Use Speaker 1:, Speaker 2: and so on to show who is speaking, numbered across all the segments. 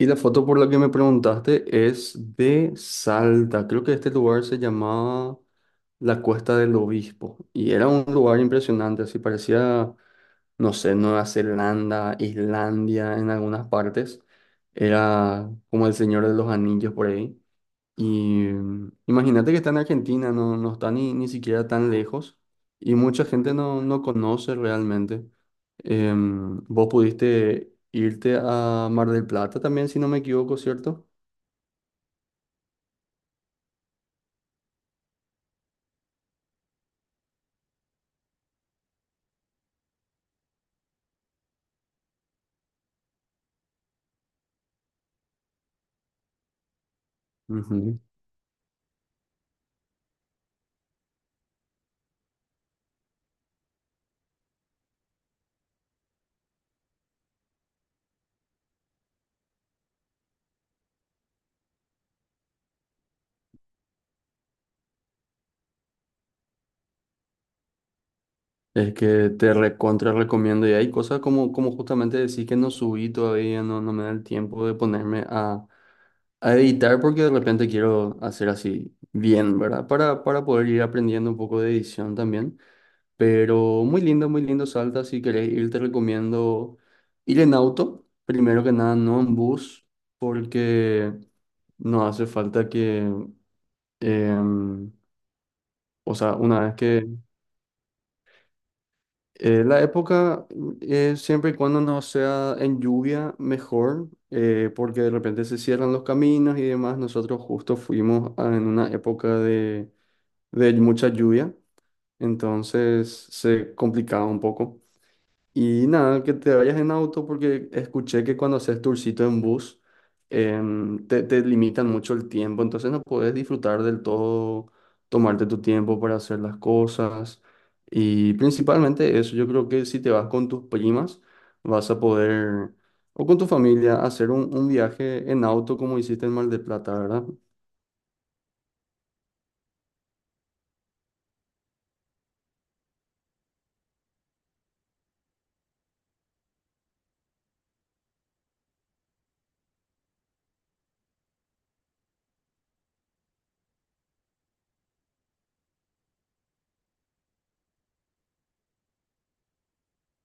Speaker 1: Y la foto por la que me preguntaste es de Salta. Creo que este lugar se llamaba la Cuesta del Obispo. Y era un lugar impresionante, así parecía, no sé, Nueva Zelanda, Islandia en algunas partes. Era como el Señor de los Anillos por ahí. Y Imagínate que está en Argentina, no no está ni siquiera tan lejos y mucha gente no, no conoce realmente. Vos pudiste irte a Mar del Plata también, si no me equivoco, ¿cierto? Ujú. Es que te recontra recomiendo y hay cosas como, como justamente decir que no subí todavía, no no me da el tiempo de ponerme a editar porque de repente quiero hacer así bien, ¿verdad? Para poder ir aprendiendo un poco de edición también. Pero muy lindo Salta. Si querés ir, te recomiendo ir en auto, primero que nada, no en bus, porque no hace falta em, o sea, una vez que la época, siempre y cuando no sea en lluvia, mejor, porque de repente se cierran los caminos y demás. Nosotros justo en una época de mucha lluvia, entonces se complicaba un poco. Y nada, que te vayas en auto porque escuché que cuando haces tourcito en bus te, te limitan mucho el tiempo, entonces no puedes disfrutar del todo, tomarte tu tiempo para hacer las cosas. Y principalmente eso, yo creo que si te vas con tus primas, vas a poder, o con tu familia, hacer un viaje en auto como hiciste en Mar del Plata, ¿verdad?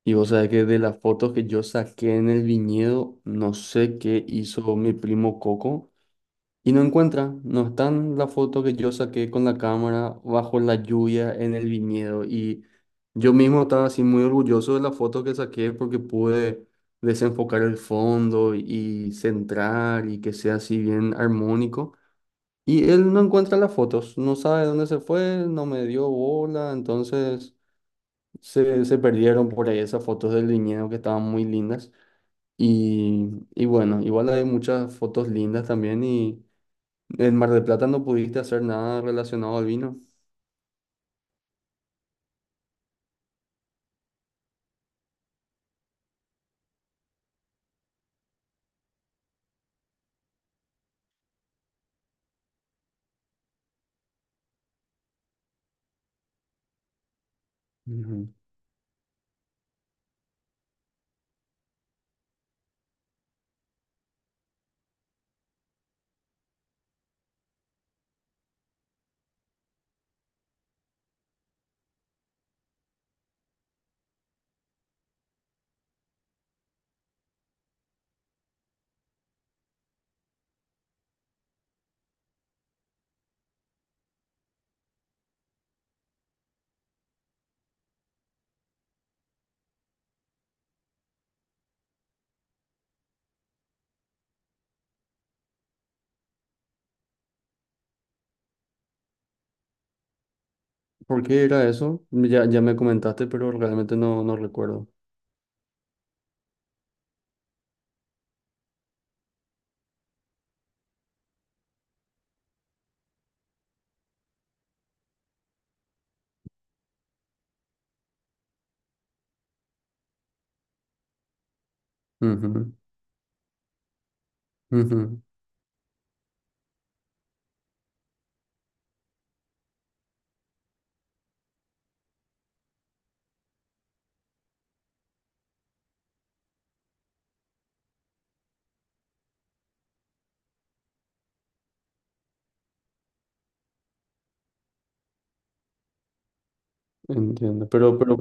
Speaker 1: Y vos sabés que de las fotos que yo saqué en el viñedo, no sé qué hizo mi primo Coco. Y no encuentra, no está en la foto que yo saqué con la cámara bajo la lluvia en el viñedo. Y yo mismo estaba así muy orgulloso de la foto que saqué porque pude desenfocar el fondo y centrar y que sea así bien armónico. Y él no encuentra las fotos, no sabe dónde se fue, no me dio bola, entonces se se perdieron por ahí esas fotos del viñedo que estaban muy lindas. Y bueno, igual hay muchas fotos lindas también y… En Mar del Plata no pudiste hacer nada relacionado al vino. Ujú. ¿Por qué era eso? Ya ya me comentaste, pero realmente no, no recuerdo. Ujú, ujú. Entiendo. Pero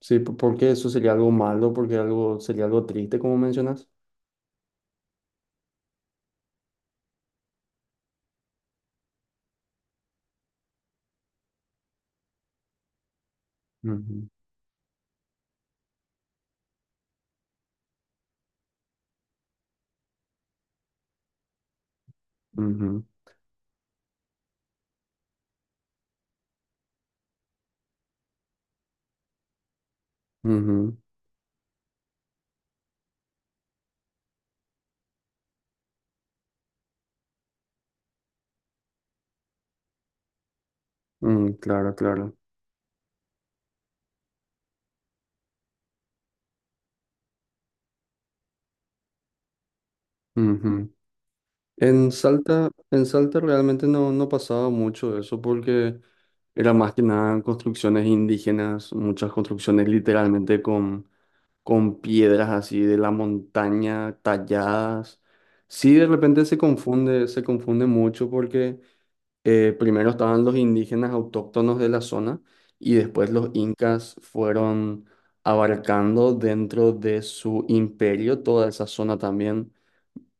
Speaker 1: sí, ¿por ¿por qué eso sería algo malo? Porque algo sería algo triste, como mencionas. Ujú. Ujú, ujú. Mm, claro, claro. Ujú. En Salta realmente no no pasaba mucho eso porque era más que nada construcciones indígenas, muchas construcciones literalmente con piedras así de la montaña talladas. Sí, de repente se confunde mucho porque primero estaban los indígenas autóctonos de la zona y después los incas fueron abarcando dentro de su imperio toda esa zona también,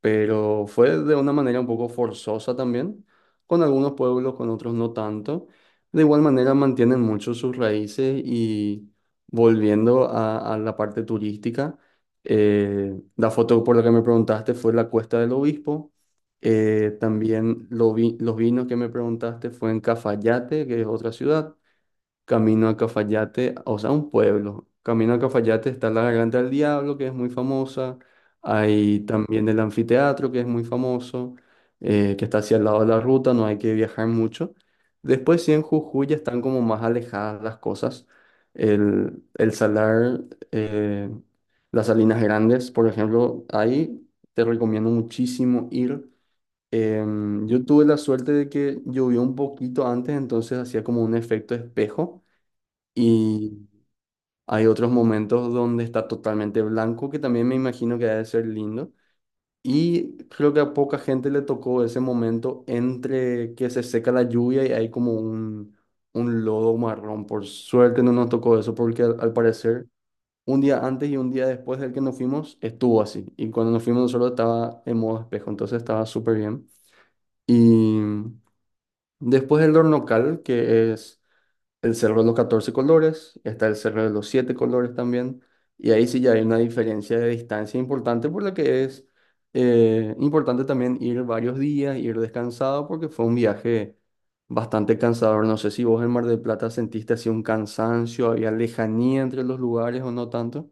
Speaker 1: pero fue de una manera un poco forzosa también, con algunos pueblos, con otros no tanto. De igual manera mantienen mucho sus raíces y volviendo a la parte turística, la foto por la que me preguntaste fue la Cuesta del Obispo. Los vinos que me preguntaste fue en Cafayate, que es otra ciudad. Camino a Cafayate, o sea, un pueblo. Camino a Cafayate está la Garganta del Diablo, que es muy famosa. Hay también el anfiteatro, que es muy famoso, que está hacia el lado de la ruta, no hay que viajar mucho. Después, sí, en Jujuy ya están como más alejadas las cosas. El salar, eh, las Salinas Grandes, por ejemplo, ahí te recomiendo muchísimo ir. Yo tuve la suerte de que llovió un poquito antes, entonces hacía como un efecto espejo, y hay otros momentos donde está totalmente blanco, que también me imagino que debe ser lindo. Y creo que a poca gente le tocó ese momento entre que se seca la lluvia y hay como un lodo marrón. Por suerte no nos tocó eso, porque al, al parecer un día antes y un día después del que nos fuimos estuvo así. Y cuando nos fuimos nosotros estaba en modo espejo, entonces estaba súper bien. Y después el local, que es el cerro de los 14 colores, está el cerro de los 7 colores también, y ahí sí ya hay una diferencia de distancia importante, por lo que es importante también ir varios días, ir descansado, porque fue un viaje bastante cansador. No sé si vos en Mar del Plata sentiste así un cansancio, había lejanía entre los lugares o no tanto.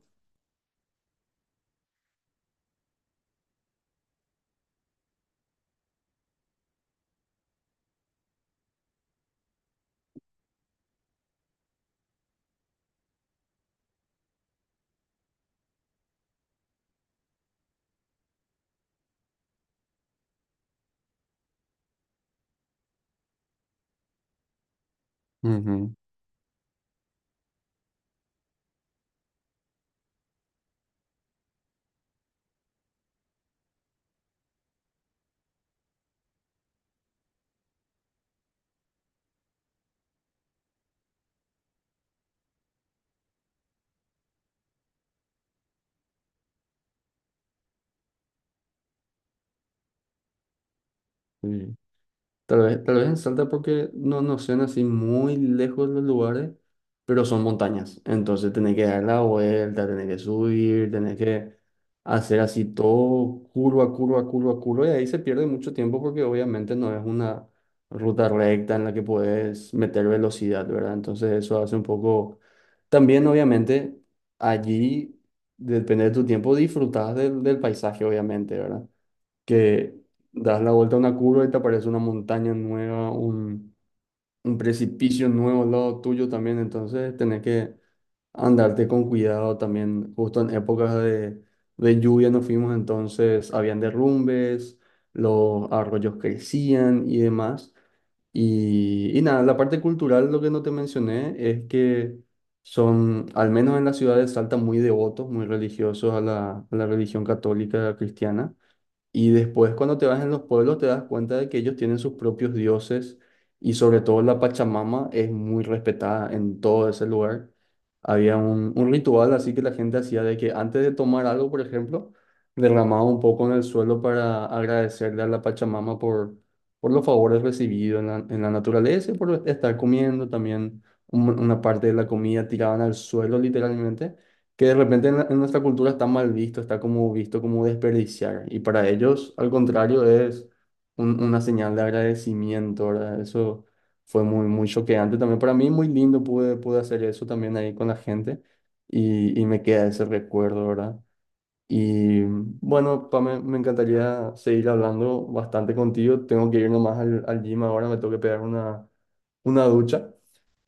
Speaker 1: Ujú, sí. Tal vez en Salta porque no no sean así muy lejos los lugares, pero son montañas. Entonces tenés que dar la vuelta, tenés que subir, tenés que hacer así todo curva, curva, curva, curva. Y ahí se pierde mucho tiempo porque obviamente no es una ruta recta en la que puedes meter velocidad, ¿verdad? Entonces eso hace un poco… También obviamente allí, depende de tu tiempo, disfrutas del del paisaje, obviamente, ¿verdad? Que das la vuelta a una curva y te aparece una montaña nueva, un precipicio nuevo al lado tuyo también, entonces tenés que andarte con cuidado también, justo en épocas de lluvia nos fuimos, entonces habían derrumbes, los arroyos crecían y demás. Y nada, la parte cultural, lo que no te mencioné es que son, al menos en la ciudad de Salta, muy devotos, muy religiosos a la religión católica cristiana. Y después cuando te vas en los pueblos te das cuenta de que ellos tienen sus propios dioses, y sobre todo la Pachamama es muy respetada en todo ese lugar. Había un ritual así que la gente hacía de que antes de tomar algo, por ejemplo, derramaba un poco en el suelo para agradecerle a la Pachamama por los favores recibidos en la naturaleza, y por estar comiendo también una parte de la comida tiraban al suelo literalmente, que de repente en nuestra cultura está mal visto, está como visto como desperdiciar. Y para ellos, al contrario, es una señal de agradecimiento, ¿verdad? Eso fue muy, muy choqueante también. Para mí, muy lindo, pude pude hacer eso también ahí con la gente, y me queda ese recuerdo, ¿verdad? Y bueno, Pame, me encantaría seguir hablando bastante contigo. Tengo que ir nomás al al gym ahora, me tengo que pegar una ducha.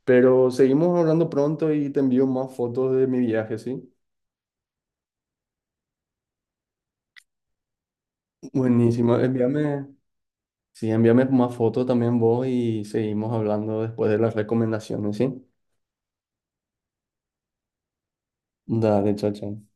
Speaker 1: Pero seguimos hablando pronto y te envío más fotos de mi viaje, ¿sí? Buenísimo. Envíame, sí, envíame más fotos también vos y seguimos hablando después de las recomendaciones, ¿sí? Dale, chao, chao.